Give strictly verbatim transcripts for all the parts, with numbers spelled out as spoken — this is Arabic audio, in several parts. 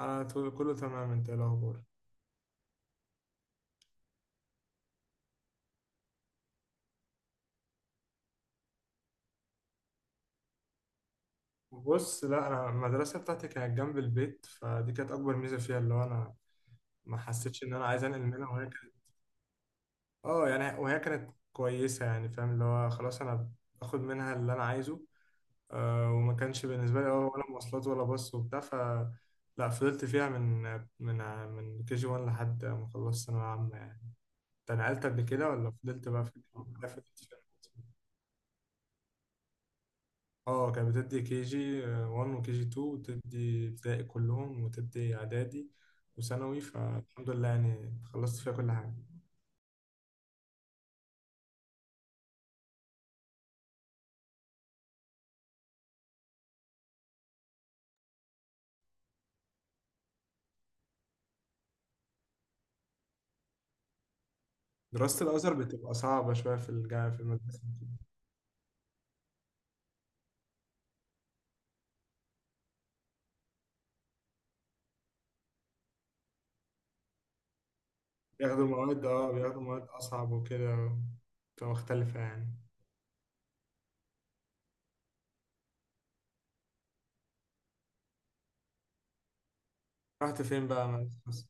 انا طول- كله تمام. انت إيه الاخبار؟ بص، لا، انا المدرسه بتاعتي كانت جنب البيت، فدي كانت اكبر ميزه فيها، اللي هو انا ما حسيتش ان انا عايز انقل منها. وهي كانت، اه يعني وهي كانت كويسه، يعني فاهم اللي هو خلاص انا باخد منها اللي انا عايزه. آه وما كانش بالنسبه لي، اه ولا مواصلات ولا باص وبتاع. ف لا، فضلت فيها من من من كي جي واحد لحد ما خلصت ثانويه عامه يعني. انت نقلت قبل كده ولا فضلت بقى في في- اه، كانت بتدي كي جي واحد وكي جي اتنين وتدي ابتدائي كلهم وتدي اعدادي وثانوي، فالحمد لله يعني خلصت فيها كل حاجة. دراسة الأزهر بتبقى صعبة شوية في الجامعة، في المدرسة. بياخدوا مواد اه بياخدوا مواد أصعب وكده، بتبقى مختلفة يعني. رحت فين بقى مع الفصل؟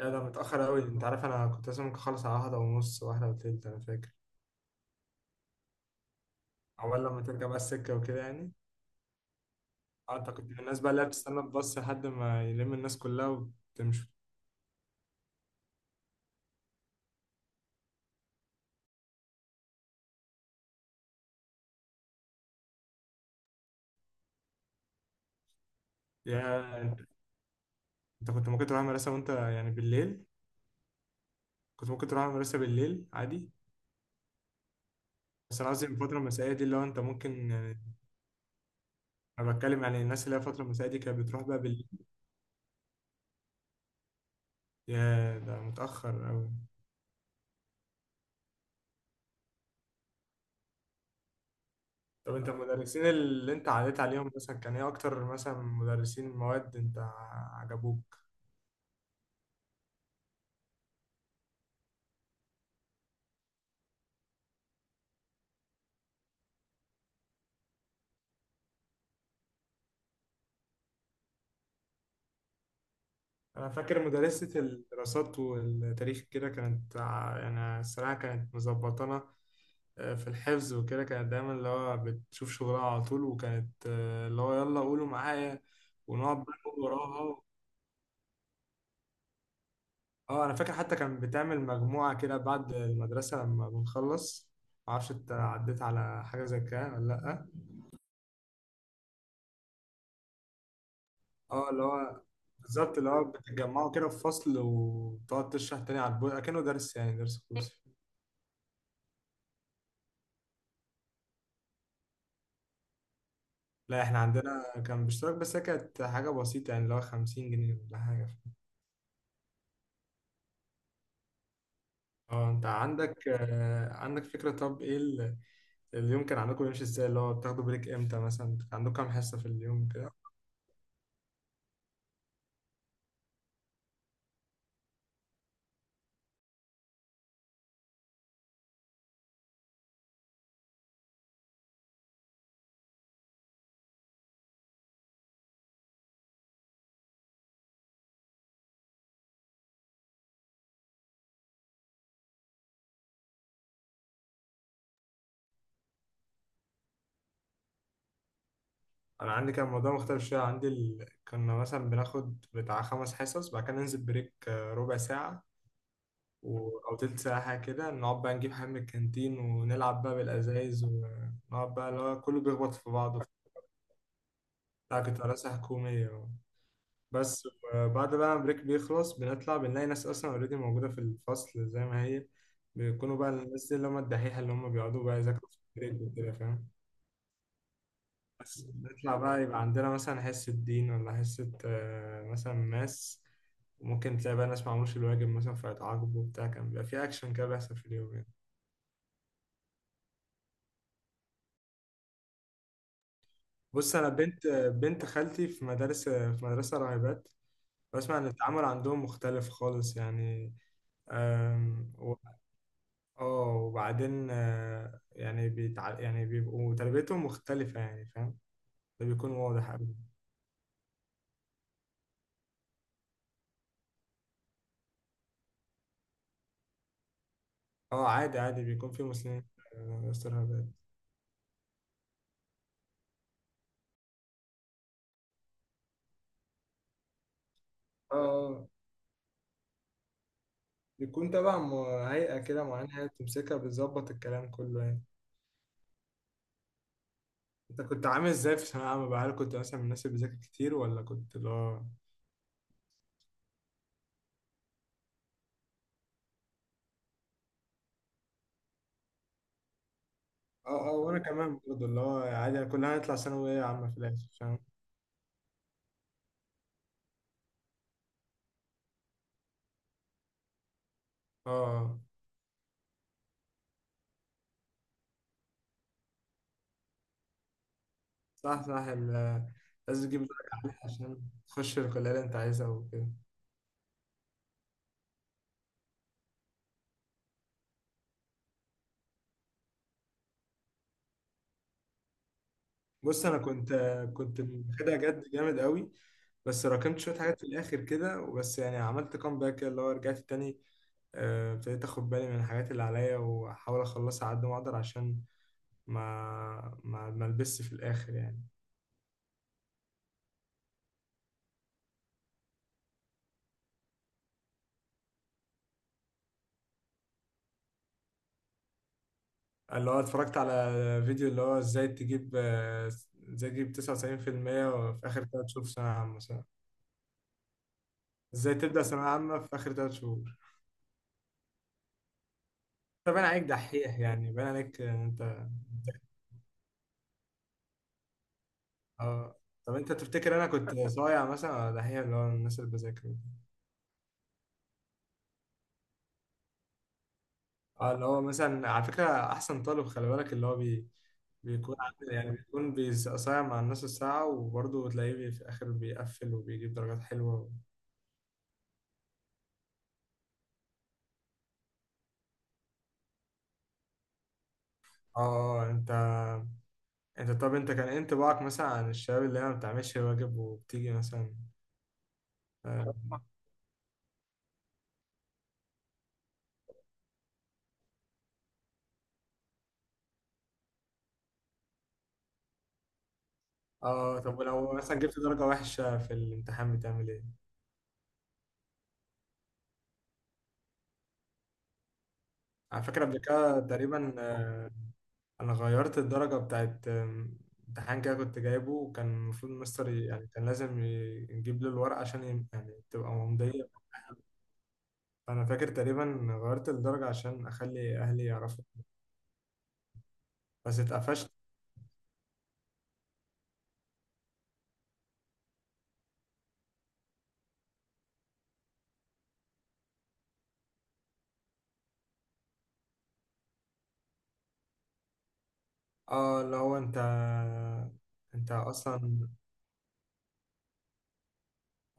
يا ده متأخر أوي. أنت عارف أنا كنت لازم ممكن أخلص على واحدة ونص، واحدة وتلت، أنا فاكر. أول لما ترجع بقى السكة وكده يعني. أه، أنت كنت من الناس بقى اللي هي بتستنى الباص لحد ما يلم الناس كلها وتمشي. يا، انت كنت ممكن تروح المدرسة وانت يعني بالليل؟ كنت ممكن تروح المدرسة بالليل عادي. بس انا قصدي الفترة المسائية دي اللي هو انت ممكن يعني. انا بتكلم يعني الناس اللي هي الفترة المسائية دي كانت بتروح بقى بالليل. يا ده متأخر أوي. طب انت المدرسين اللي انت عديت عليهم مثلا كان ايه اكتر مثلا مدرسين مواد انت عجبوك؟ أنا فاكر مدرسة الدراسات والتاريخ كده كانت ع- يعني الصراحة كانت مظبطانا، آه، في الحفظ وكده، كانت دايما اللي هو بتشوف شغلها على طول. وكانت آه، اللي هو يلا قولوا معايا، ونقعد بقى نقول وراها. اه انا فاكر حتى كان بتعمل مجموعة كده بعد المدرسة لما بنخلص. معرفش انت عديت على حاجة زي كده ولا لأ. اه اللي هو بالظبط اللي هو بتتجمعوا كده في فصل وتقعد تشرح تاني على البورد أكنه درس، يعني درس خصوصي. لا، احنا عندنا كان باشتراك، بس هي كانت حاجة بسيطة يعني اللي هو خمسين جنيه ولا حاجة. اه، انت عندك آه، عندك فكرة. طب ايه ال- اليوم كان عندكم يمشي ازاي اللي هو بتاخدوا بريك امتى؟ مثلا كان عندكم كام حصة في اليوم كده؟ انا عندي كان الموضوع مختلف شوية. عندي ال... كنا مثلا بناخد بتاع خمس حصص، بعد كده ننزل بريك آه، ربع ساعة و... او تلت ساعة حاجة كده. نقعد بقى نجيب حاجة من الكانتين ونلعب بقى بالازايز ونقعد بقى اللي هو كله بيخبط في بعضه. لا، كنت مدرسة حكومية. بس بعد بقى ما البريك بيخلص بنطلع بنلاقي ناس اصلا اوريدي موجوده في الفصل زي ما هي. بيكونوا بقى الناس دي اللي هم الدحيحه، اللي هم بيقعدوا بقى يذاكروا في البريك وكده، فاهم؟ بس نطلع بقى يبقى عندنا مثلا حصه دين ولا حصه آه، مثلا ماس. وممكن تلاقي بقى ناس ما عملوش الواجب مثلا فيتعاقبوا وبتاع، كان بيبقى في اكشن كده بيحصل في اليوم يعني. بص، انا بنت بنت خالتي في مدارس في مدرسه راهبات. بسمع ان التعامل عندهم مختلف خالص يعني. اه، وبعدين آه، يعني بيتع... يعني بيبقوا تربيتهم مختلفة يعني، فاهم؟ ده بيكون واضح أوي. اه، عادي عادي، بيكون في مسلمين. آه، استرهابات. اه آه، بيكون تبع م- هيئة كده معينة، هي بتمسكها بتظبط الكلام كله يعني. انت كنت عامل ازاي في ثانوية عامة بقى؟ هل كنت مثلا من الناس اللي بتذاكر كتير ولا كنت اللي هو؟ اه، اه، وانا كمان برضه اللي هو عادي كلنا هنطلع ثانوية عامة في الآخر فاهم. اه، اه. صح، صح. ال- لازم تجيب درجة عالية عشان تخش الكلية اللي انت عايزها وكده. بص، انا كنت كنت واخدها جد جامد قوي، بس راكمت شويه حاجات في الاخر كده وبس، يعني عملت كام كده اللي هو رجعت تاني. آه، ابتديت اخد بالي من الحاجات اللي عليا واحاول اخلصها على قد ما اقدر عشان ما ما ما البسش في الاخر يعني. اللي هو اتفرجت على فيديو اللي هو ازاي تجيب آه، ازاي تجيب تسعة وتسعين في المية في المية في اخر تلاتة شهور في ثانويه عامه مثلا. ازاي تبدا ثانويه عامه في اخر تلات شهور؟ طب انا عليك دحيح يعني باين عليك ان انت. اه طب انت تفتكر انا كنت صايع مثلا ولا هي اللي هو الناس اللي بذاكر. اه اللي هو مثلا على فكره احسن طالب خلي بالك اللي هو بي بيكون عامل- يعني بيكون بيز- صايع مع الناس الساعه وبرضه تلاقيه بي- في الاخر بيقفل وبيجيب درجات حلوه. اه، اه، اه، انت انت طب انت كان ايه انطباعك مثلا عن الشباب اللي هي ما بتعملش واجب وبتيجي مثلا؟ اه آه، طب ولو مثلا جبت درجه وحشه في الامتحان بتعمل ايه؟ على فكره قبل كده تقريبا انا غيرت الدرجه بتاعت آم، امتحان كده كنت جايبه، وكان المفروض المستر ي- يعني كان لازم ي- نجيب له الورقه عشان ي- يعني تبقى ممضيه. فانا فاكر تقريبا غيرت الدرجه عشان اخلي اهلي يعرفوا، بس اتقفشت. اه اللي هو انت انت اصلا.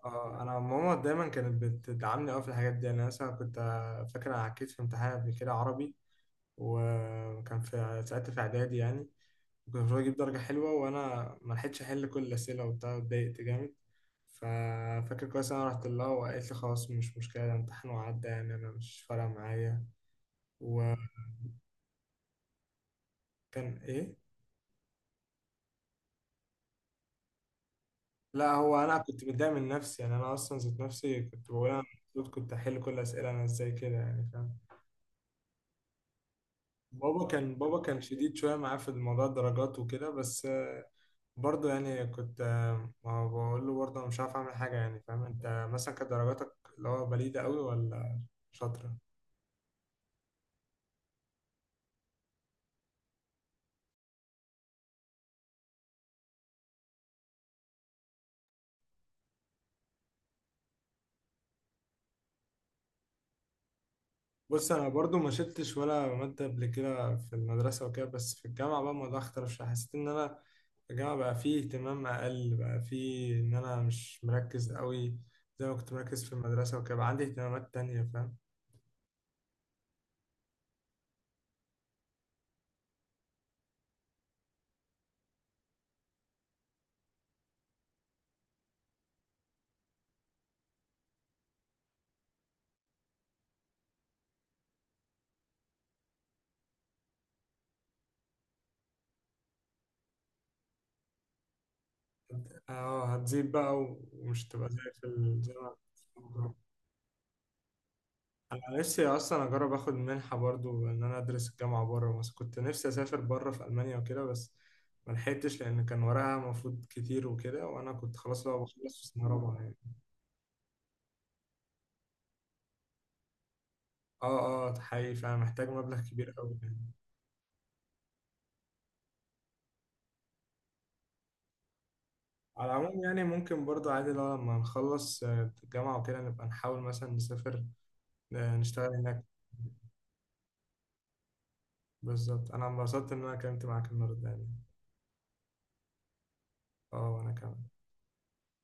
اه انا ماما دايما كانت بتدعمني قوي في الحاجات دي يعني. انا مثلا كنت فاكر انا عكيت في امتحان قبل كده عربي، وكان في ساعتها في اعدادي يعني. وكان المفروض اجيب درجة حلوة وانا ما لحقتش احل كل الاسئلة وبتاع، اتضايقت جامد. ففاكر كويس انا رحت لها وقالت لي خلاص مش مشكلة، ده امتحان وعدى يعني، انا مش فارقة معايا. وكان ايه؟ لا، هو انا كنت متضايق من نفسي، يعني انا اصلا ذات نفسي كنت بقول انا المفروض كنت احل كل الاسئلة. انا ازاي كده يعني فاهم؟ بابا كان بابا كان شديد شوية معاه في موضوع الدرجات وكده. بس برضه يعني كنت آه، ما بقول له برضه أنا مش عارف أعمل حاجة يعني فاهم. أنت مثلا كانت درجاتك اللي هو بليدة أوي ولا شاطرة؟ بص، أنا برضه ما شلتش ولا مادة قبل كده في المدرسة وكده. بس في الجامعة بقى الموضوع اختلف شوية، حسيت إن أنا في الجامعة بقى فيه اهتمام أقل، بقى فيه إن أنا مش مركز أوي زي ما كنت مركز في المدرسة وكده، بقى عندي اهتمامات تانية فاهم؟ اه، هتزيد بقى، ومش تبقى زي في الجامعة. أنا نفسي أصلا أجرب آخد منحة برضو إن أنا أدرس الجامعة بره مصر. كنت نفسي أسافر بره في ألمانيا وكده، بس ملحقتش لأن كان وراها مفروض كتير وكده، وأنا كنت خلاص بقى بخلص في سنة رابعة يعني. آه، آه، حقيقي، فأنا محتاج مبلغ كبير أوي يعني. على العموم يعني ممكن برضو عادي لو لما نخلص آه، الجامعة وكده نبقى نحاول مثلا نسافر، آه، نشتغل هناك. بالظبط، أنا انبسطت إن أنا اتكلمت معاك النهاردة يعني. آه، وأنا كمان.